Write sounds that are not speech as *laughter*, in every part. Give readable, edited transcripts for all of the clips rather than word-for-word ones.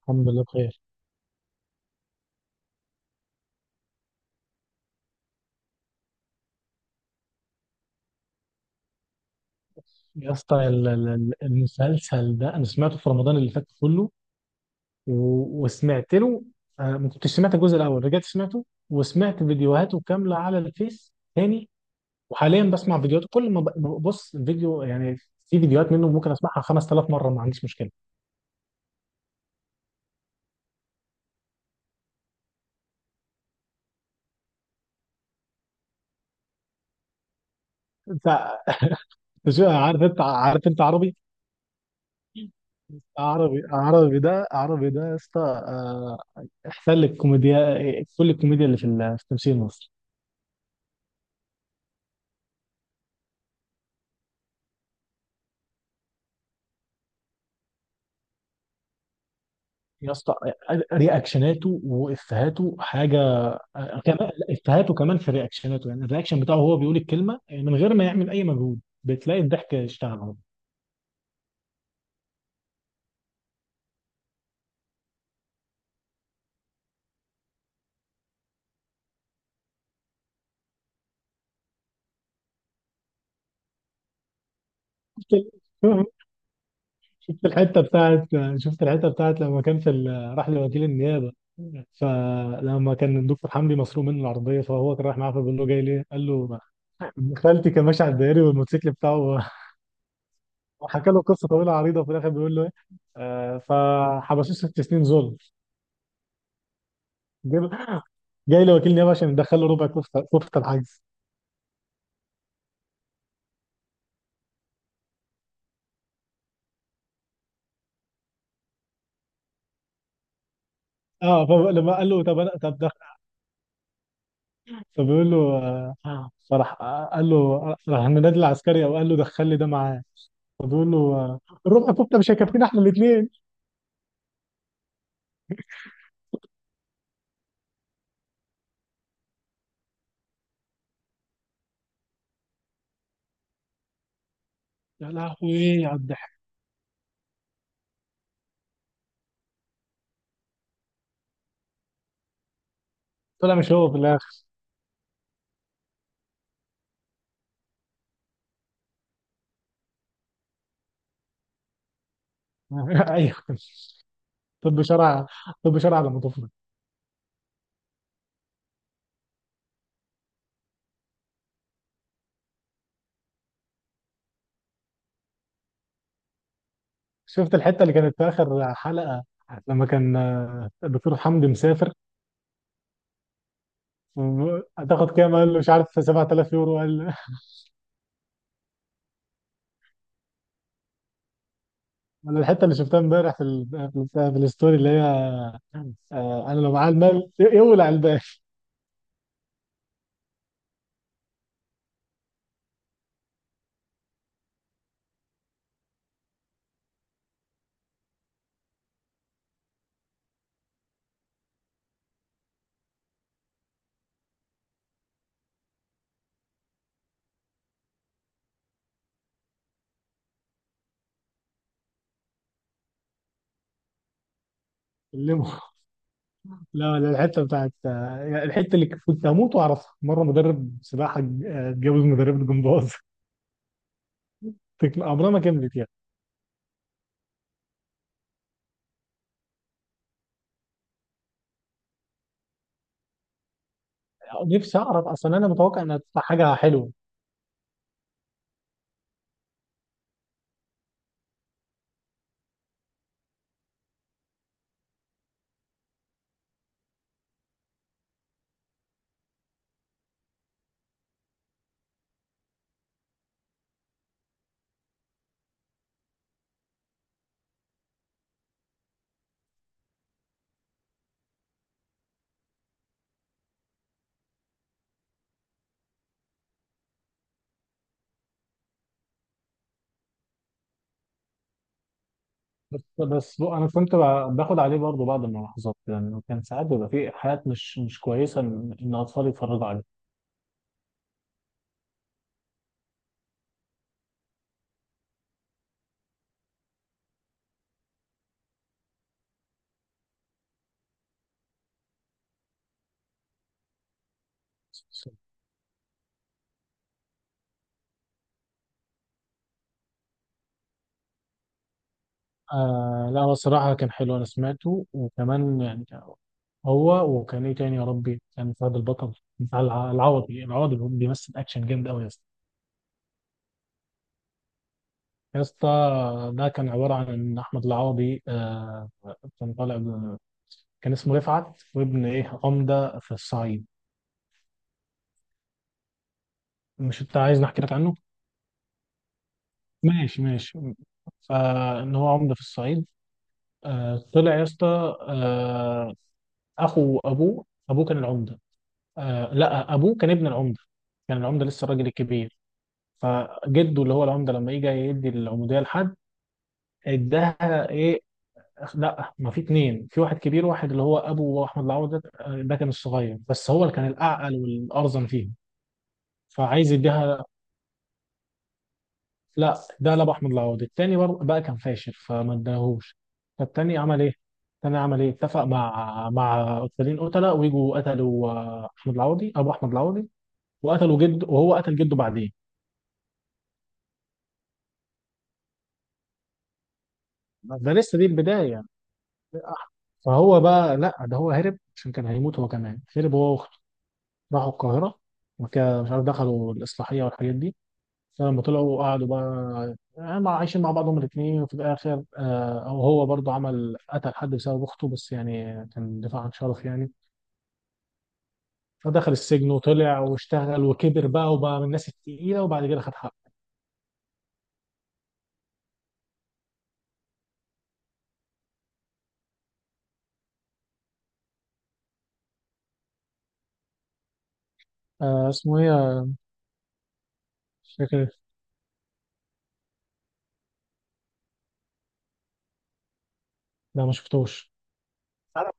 الحمد لله بخير. يا اسطى، المسلسل ده انا سمعته في رمضان اللي فات كله، وسمعت له. ما كنتش سمعت الجزء الاول، رجعت سمعته وسمعت فيديوهاته كامله على الفيس تاني. وحاليا بسمع فيديوهاته كل ما ما ببص الفيديو يعني. في فيديوهات منه ممكن اسمعها 5000 مره ما عنديش مشكله. ف- *laughs* شو عارف، انت عارف انت عربي؟ عربي عربي، ده عربي ده يا اسطى. آه، احسن لك كوميديا، كل الكوميديا اللي في في تمثيل مصر. يا اسطى، رياكشناته وافهاته حاجه. كمان لا، افهاته كمان في رياكشناته. يعني الرياكشن بتاعه، هو بيقول الكلمه من غير ما يعمل اي مجهود بتلاقي الضحك اشتغل اهو. شفت، شفت الحته بتاعت شفت الحته بتاعت لما كان في راح لوكيل النيابه. فلما كان الدكتور حمدي مسروق منه العربيه، فهو كان رايح معاه، فبيقول له: جاي ليه؟ قال له: ابن خالتي كان ماشي على الدائري والموتوسيكل بتاعه. وحكى له قصه طويله عريضه، وفي الاخر بيقول له: ايه؟ فحبسوه ست سنين ظلم. جاب جاي له وكيل نيابه عشان يدخله ربع كفته، كفته الحجز. اه، فلما قال له: طب انا طب ده، فبيقول له، فراح، قال له راح النادي العسكري، او قال له: دخل لي ده معاه. فبيقول له: الربع كفته مش هيكفينا احنا الاثنين. يا لهوي على الضحك! طلع مش هو في الاخر؟ *laughs* ايوه. طب شرع طب شرع على مضافنا. شفت الحته اللي كانت في اخر حلقه لما كان الدكتور حمدي مسافر؟ هتاخد كام؟ قال له: مش عارف، 7000 يورو. قال: انا الحته اللي شفتها امبارح في في في الستوري اللي هي، انا لو معايا المال يولع البال الليمو. *laughs* لا لا، الحته بتاعت، يعني الحته اللي كنت هموت واعرفها مره، مدرب سباحه اتجوز مدرب جمباز. *laughs* عمرها ما كملت يعني. نفسي اعرف اصلا، انا متوقع انها تطلع حاجه حلوه. انا كنت باخد عليه برضه بعض الملاحظات، يعني كان ساعات بيبقى في حاجات مش كويسه ان اطفال يتفرجوا عليها. آه لا، هو الصراحة كان حلو، أنا سمعته. وكمان يعني كان هو، وكان إيه تاني يا ربي؟ كان فهد البطل، بتاع العوضي. العوضي اللي هو بيمثل أكشن جامد أوي يا اسطى. يا اسطى، ده كان عبارة عن إن أحمد العوضي آه، كان طالع كان اسمه رفعت، وابن إيه؟ عمدة في الصعيد. مش أنت عايز نحكي لك عنه؟ ماشي ماشي. فإن هو عمدة في الصعيد. آه طلع يا اسطى، آه، أخو أبوه. أبوه كان العمدة. آه لا، ابوه كان ابن العمده. كان العمده لسه الراجل الكبير. فجده اللي هو العمده لما يجي يدي العموديه لحد، اداها ايه؟ لا، ما في اتنين: في واحد كبير، واحد اللي هو ابو احمد العوده. ده كان الصغير، بس هو اللي كان الاعقل والارزن فيهم. فعايز يديها، لا، ده لابو احمد العوده التاني. بقى كان فاشل، فما اداهوش. فالتاني عمل ايه؟ اتفق مع قتالين، قتله، ويجوا قتلوا، احمد العوضي، ابو احمد العوضي. وقتلوا جده، وهو قتل جده بعدين. ده لسه دي البداية يعني. فهو بقى، لا ده هو هرب عشان كان هيموت هو كمان، هرب هو واخته. راحوا القاهرة، وكده مش عارف دخلوا الإصلاحية والحاجات دي. فلما طلعوا قعدوا بقى، يعني عايشين مع بعضهم الاثنين. وفي الآخر آه، أو هو برضه عمل قتل حد بسبب أخته، بس يعني كان دفاع عن شرف يعني. فدخل السجن وطلع واشتغل وكبر بقى، وبقى من الناس التقيلة، وبعد كده خد حقه. آه اسمه إيه؟ مش فاكر. لا ما شفتوش. أنا-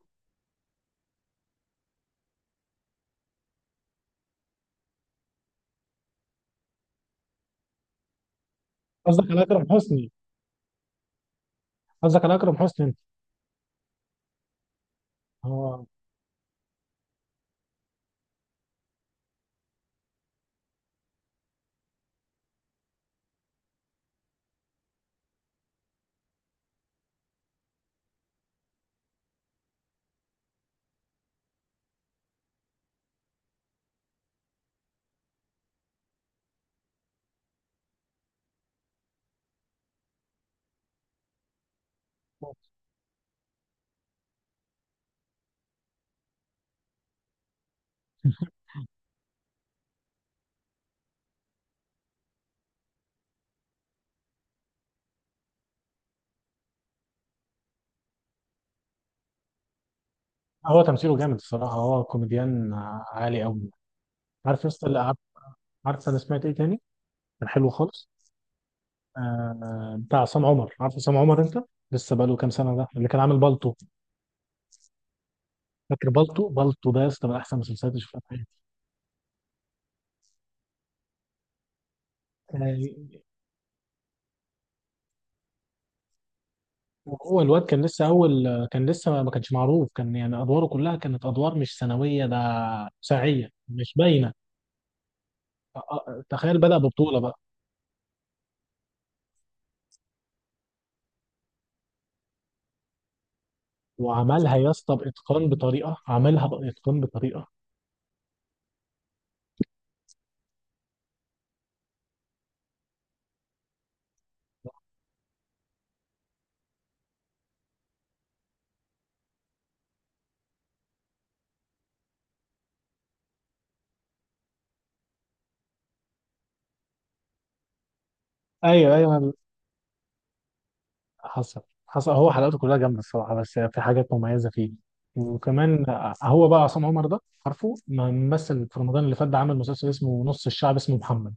قصدك على أكرم حسني؟ قصدك على أكرم حسني أنت؟ هو هو تمثيله جامد الصراحة، هو كوميديان عالي أوي. عارف يا اسطى اللي عارف، عارف أنا سمعت إيه تاني؟ كان حلو خالص. آه، بتاع عصام عمر. عارف عصام عمر أنت؟ لسه بقاله كام سنة، ده اللي كان عامل بالطو. فاكر بالطو؟ بالطو ده يا اسطى من أحسن المسلسلات اللي شفتها في حياتي. آه هو الواد كان لسه أول، كان لسه ما كانش معروف. كان يعني أدواره كلها كانت أدوار مش ثانوية، ده ساعية مش باينة. تخيل بدأ ببطولة بقى. وعملها يا اسطى بإتقان، بطريقة، عملها بإتقان بطريقة. ايوه ايوه. حصل، هو حلقاته كلها جامده الصراحه، بس في حاجات مميزه فيه. وكمان، هو بقى عصام عمر ده، عارفه ما مثل في رمضان اللي فات ده؟ عامل مسلسل اسمه نص الشعب، اسمه محمد.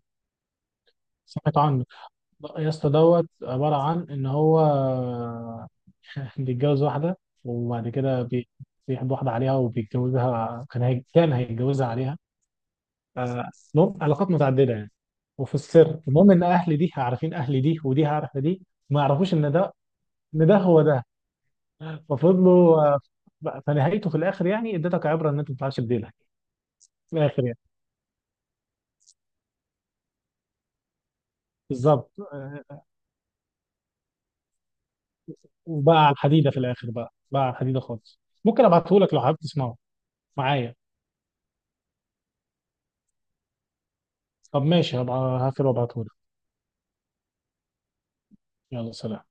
سمعت عنه. يا اسطى، دوت عباره عن ان هو *laughs* بيتجوز واحده، وبعد كده بيحب واحده عليها وبيتجوزها. كان هي... كان هيتجوزها عليها. آه، المهم علاقات متعدده يعني، وفي السر. المهم ان اهل دي عارفين اهل دي، ودي عارفه دي، ما يعرفوش ان ده هو ده. ففضلوا، فنهايته في الاخر يعني، اديتك عبره ان انت ما تطلعش بديلها في الاخر يعني. بالظبط. آه، وبقى على الحديده في الاخر، بقى على الحديده خالص. ممكن ابعته لك لو حابب تسمعه معايا. طب ماشي، هبقى هقفل وابعته لك. يلا سلام.